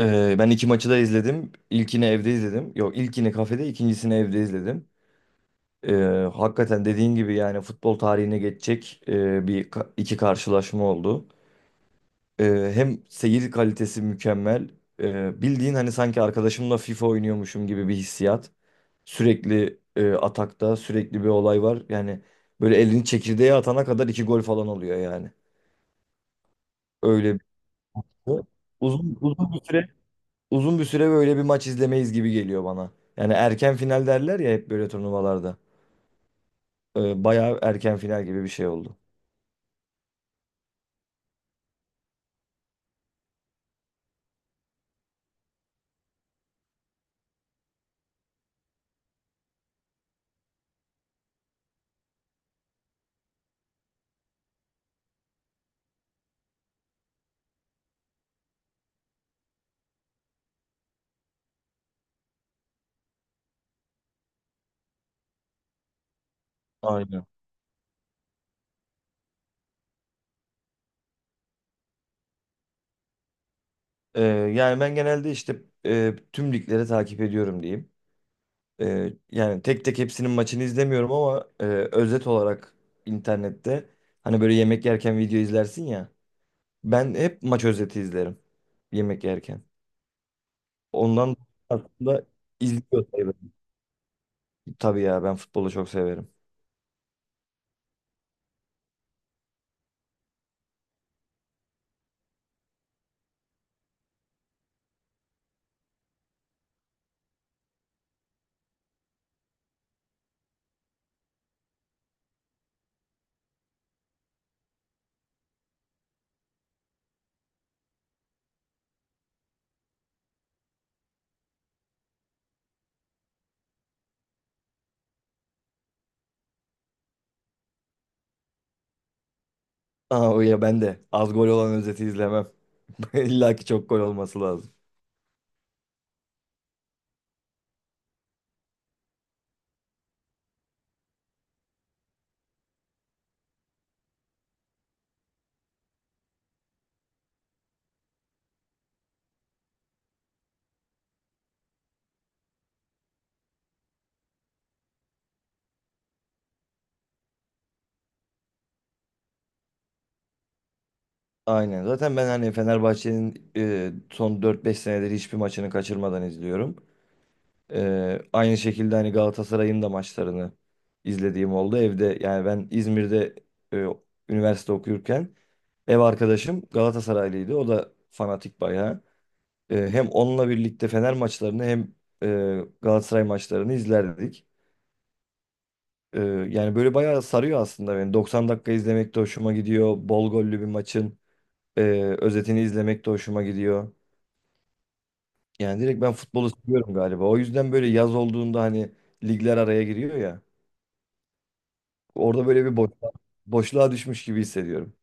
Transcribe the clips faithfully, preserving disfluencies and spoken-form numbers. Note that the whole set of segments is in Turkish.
Ee, ben iki maçı da izledim. İlkini evde izledim. Yok, ilkini kafede, ikincisini evde izledim. Ee, Hakikaten dediğin gibi, yani futbol tarihine geçecek e, bir ka- iki karşılaşma oldu. Ee, hem seyir kalitesi mükemmel. Ee, bildiğin hani, sanki arkadaşımla FIFA oynuyormuşum gibi bir hissiyat. Sürekli e, atakta, sürekli bir olay var. Yani böyle elini çekirdeğe atana kadar iki gol falan oluyor yani. Öyle bir şey. uzun uzun bir süre Uzun bir süre böyle bir maç izlemeyiz gibi geliyor bana. Yani erken final derler ya hep böyle turnuvalarda. Ee, bayağı erken final gibi bir şey oldu. Aynen. Ee, Yani ben genelde işte e, tüm ligleri takip ediyorum diyeyim. Ee, yani tek tek hepsinin maçını izlemiyorum, ama e, özet olarak internette, hani böyle yemek yerken video izlersin ya. Ben hep maç özeti izlerim yemek yerken. Ondan aslında izliyor sayılırım. Tabii ya, ben futbolu çok severim. Aa, o ya ben de az gol olan özeti izlemem. İlla ki çok gol olması lazım. Aynen. Zaten ben hani Fenerbahçe'nin e, son dört beş senedir hiçbir maçını kaçırmadan izliyorum. E, aynı şekilde hani Galatasaray'ın da maçlarını izlediğim oldu. Evde, yani ben İzmir'de e, üniversite okuyurken ev arkadaşım Galatasaraylıydı. O da fanatik bayağı. E, hem onunla birlikte Fener maçlarını hem e, Galatasaray maçlarını izlerdik. E, Yani böyle bayağı sarıyor aslında beni. 90 dakika izlemek de hoşuma gidiyor. Bol gollü bir maçın. Ee, Özetini izlemek de hoşuma gidiyor. Yani direkt ben futbolu seviyorum galiba. O yüzden böyle yaz olduğunda hani ligler araya giriyor ya. Orada böyle bir boşluğa, boşluğa düşmüş gibi hissediyorum.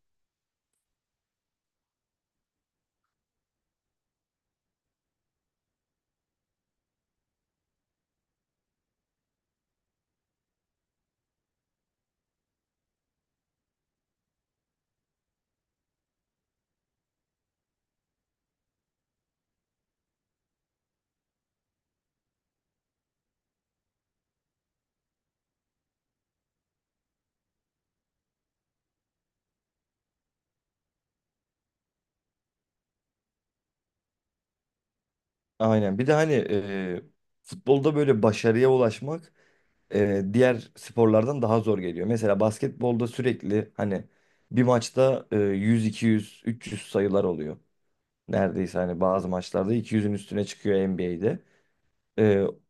Aynen. Bir de hani e, futbolda böyle başarıya ulaşmak e, diğer sporlardan daha zor geliyor. Mesela basketbolda sürekli hani bir maçta e, yüz, iki yüz, üç yüz sayılar oluyor. Neredeyse hani bazı maçlarda iki yüzün üstüne çıkıyor N B A'de.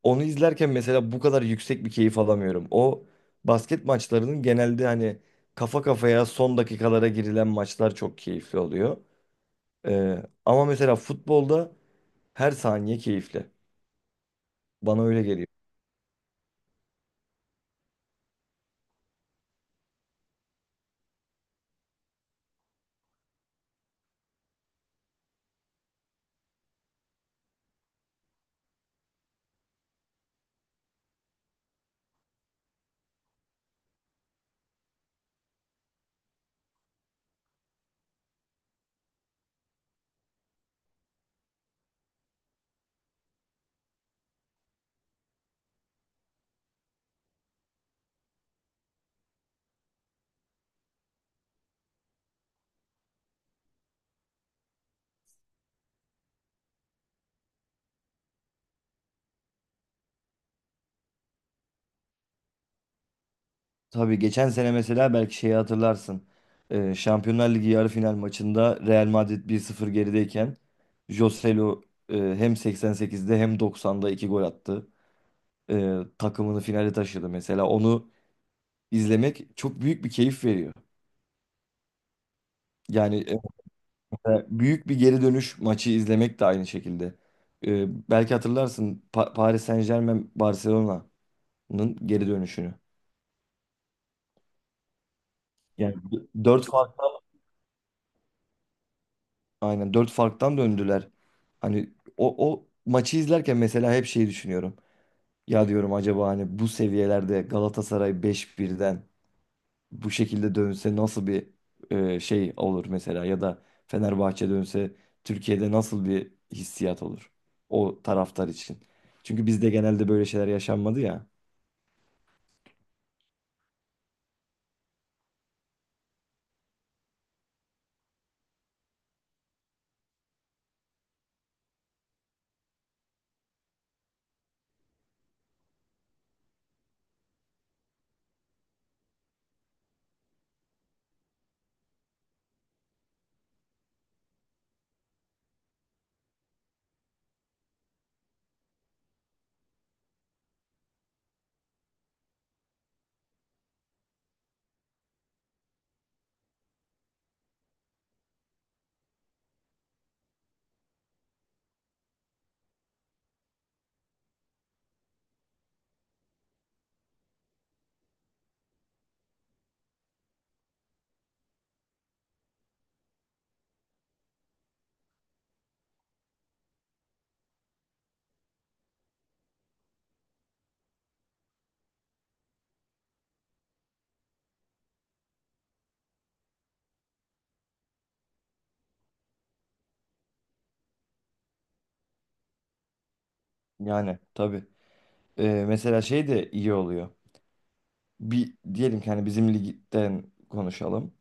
Onu izlerken mesela bu kadar yüksek bir keyif alamıyorum. O basket maçlarının genelde hani kafa kafaya son dakikalara girilen maçlar çok keyifli oluyor. E, Ama mesela futbolda her saniye keyifli. Bana öyle geliyor. Tabii geçen sene mesela belki şeyi hatırlarsın. Ee, Şampiyonlar Ligi yarı final maçında Real Madrid bir sıfır gerideyken Joselu e, hem seksen sekizde hem doksanda iki gol attı. Ee, takımını finale taşıdı mesela. Onu izlemek çok büyük bir keyif veriyor. Yani e, mesela büyük bir geri dönüş maçı izlemek de aynı şekilde. Ee, belki hatırlarsın Pa- Paris Saint-Germain Barcelona'nın geri dönüşünü. Yani dört. Aynen, dört farktan döndüler. Hani o, o maçı izlerken mesela hep şeyi düşünüyorum. Ya diyorum, acaba hani bu seviyelerde Galatasaray beş birden bu şekilde dönse nasıl bir e, şey olur mesela, ya da Fenerbahçe dönse Türkiye'de nasıl bir hissiyat olur o taraftar için? Çünkü bizde genelde böyle şeyler yaşanmadı ya. Yani tabii. E, mesela şey de iyi oluyor. Bir diyelim ki hani bizim ligden konuşalım.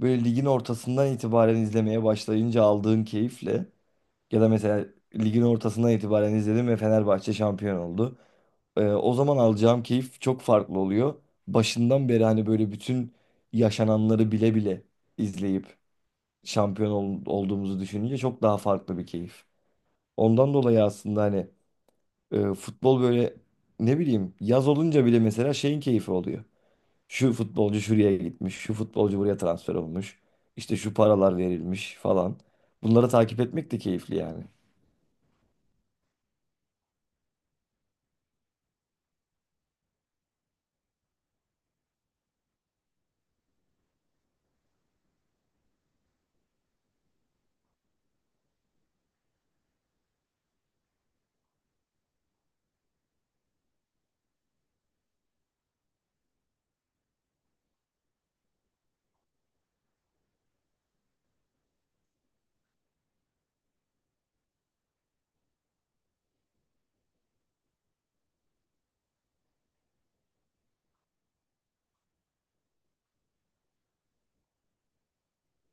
Böyle ligin ortasından itibaren izlemeye başlayınca aldığın keyifle, ya da mesela ligin ortasından itibaren izledim ve Fenerbahçe şampiyon oldu. Ee, o zaman alacağım keyif çok farklı oluyor. Başından beri hani böyle bütün yaşananları bile bile izleyip şampiyon ol- olduğumuzu düşününce çok daha farklı bir keyif. Ondan dolayı aslında hani e, futbol böyle, ne bileyim, yaz olunca bile mesela şeyin keyfi oluyor. Şu futbolcu şuraya gitmiş, şu futbolcu buraya transfer olmuş. İşte şu paralar verilmiş falan. Bunları takip etmek de keyifli yani.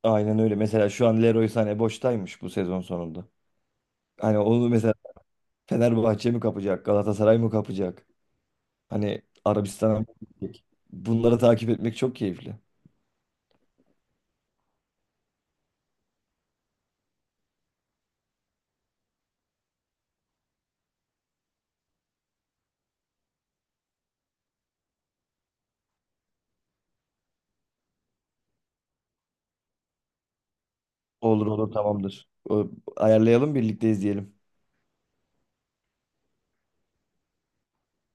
Aynen öyle. Mesela şu an Leroy Sané boştaymış bu sezon sonunda. Hani onu mesela Fenerbahçe mi kapacak, Galatasaray mı kapacak? Hani Arabistan'a gittik. Bunları takip etmek çok keyifli. Olur olur, tamamdır. Ö- Ayarlayalım, birlikte izleyelim.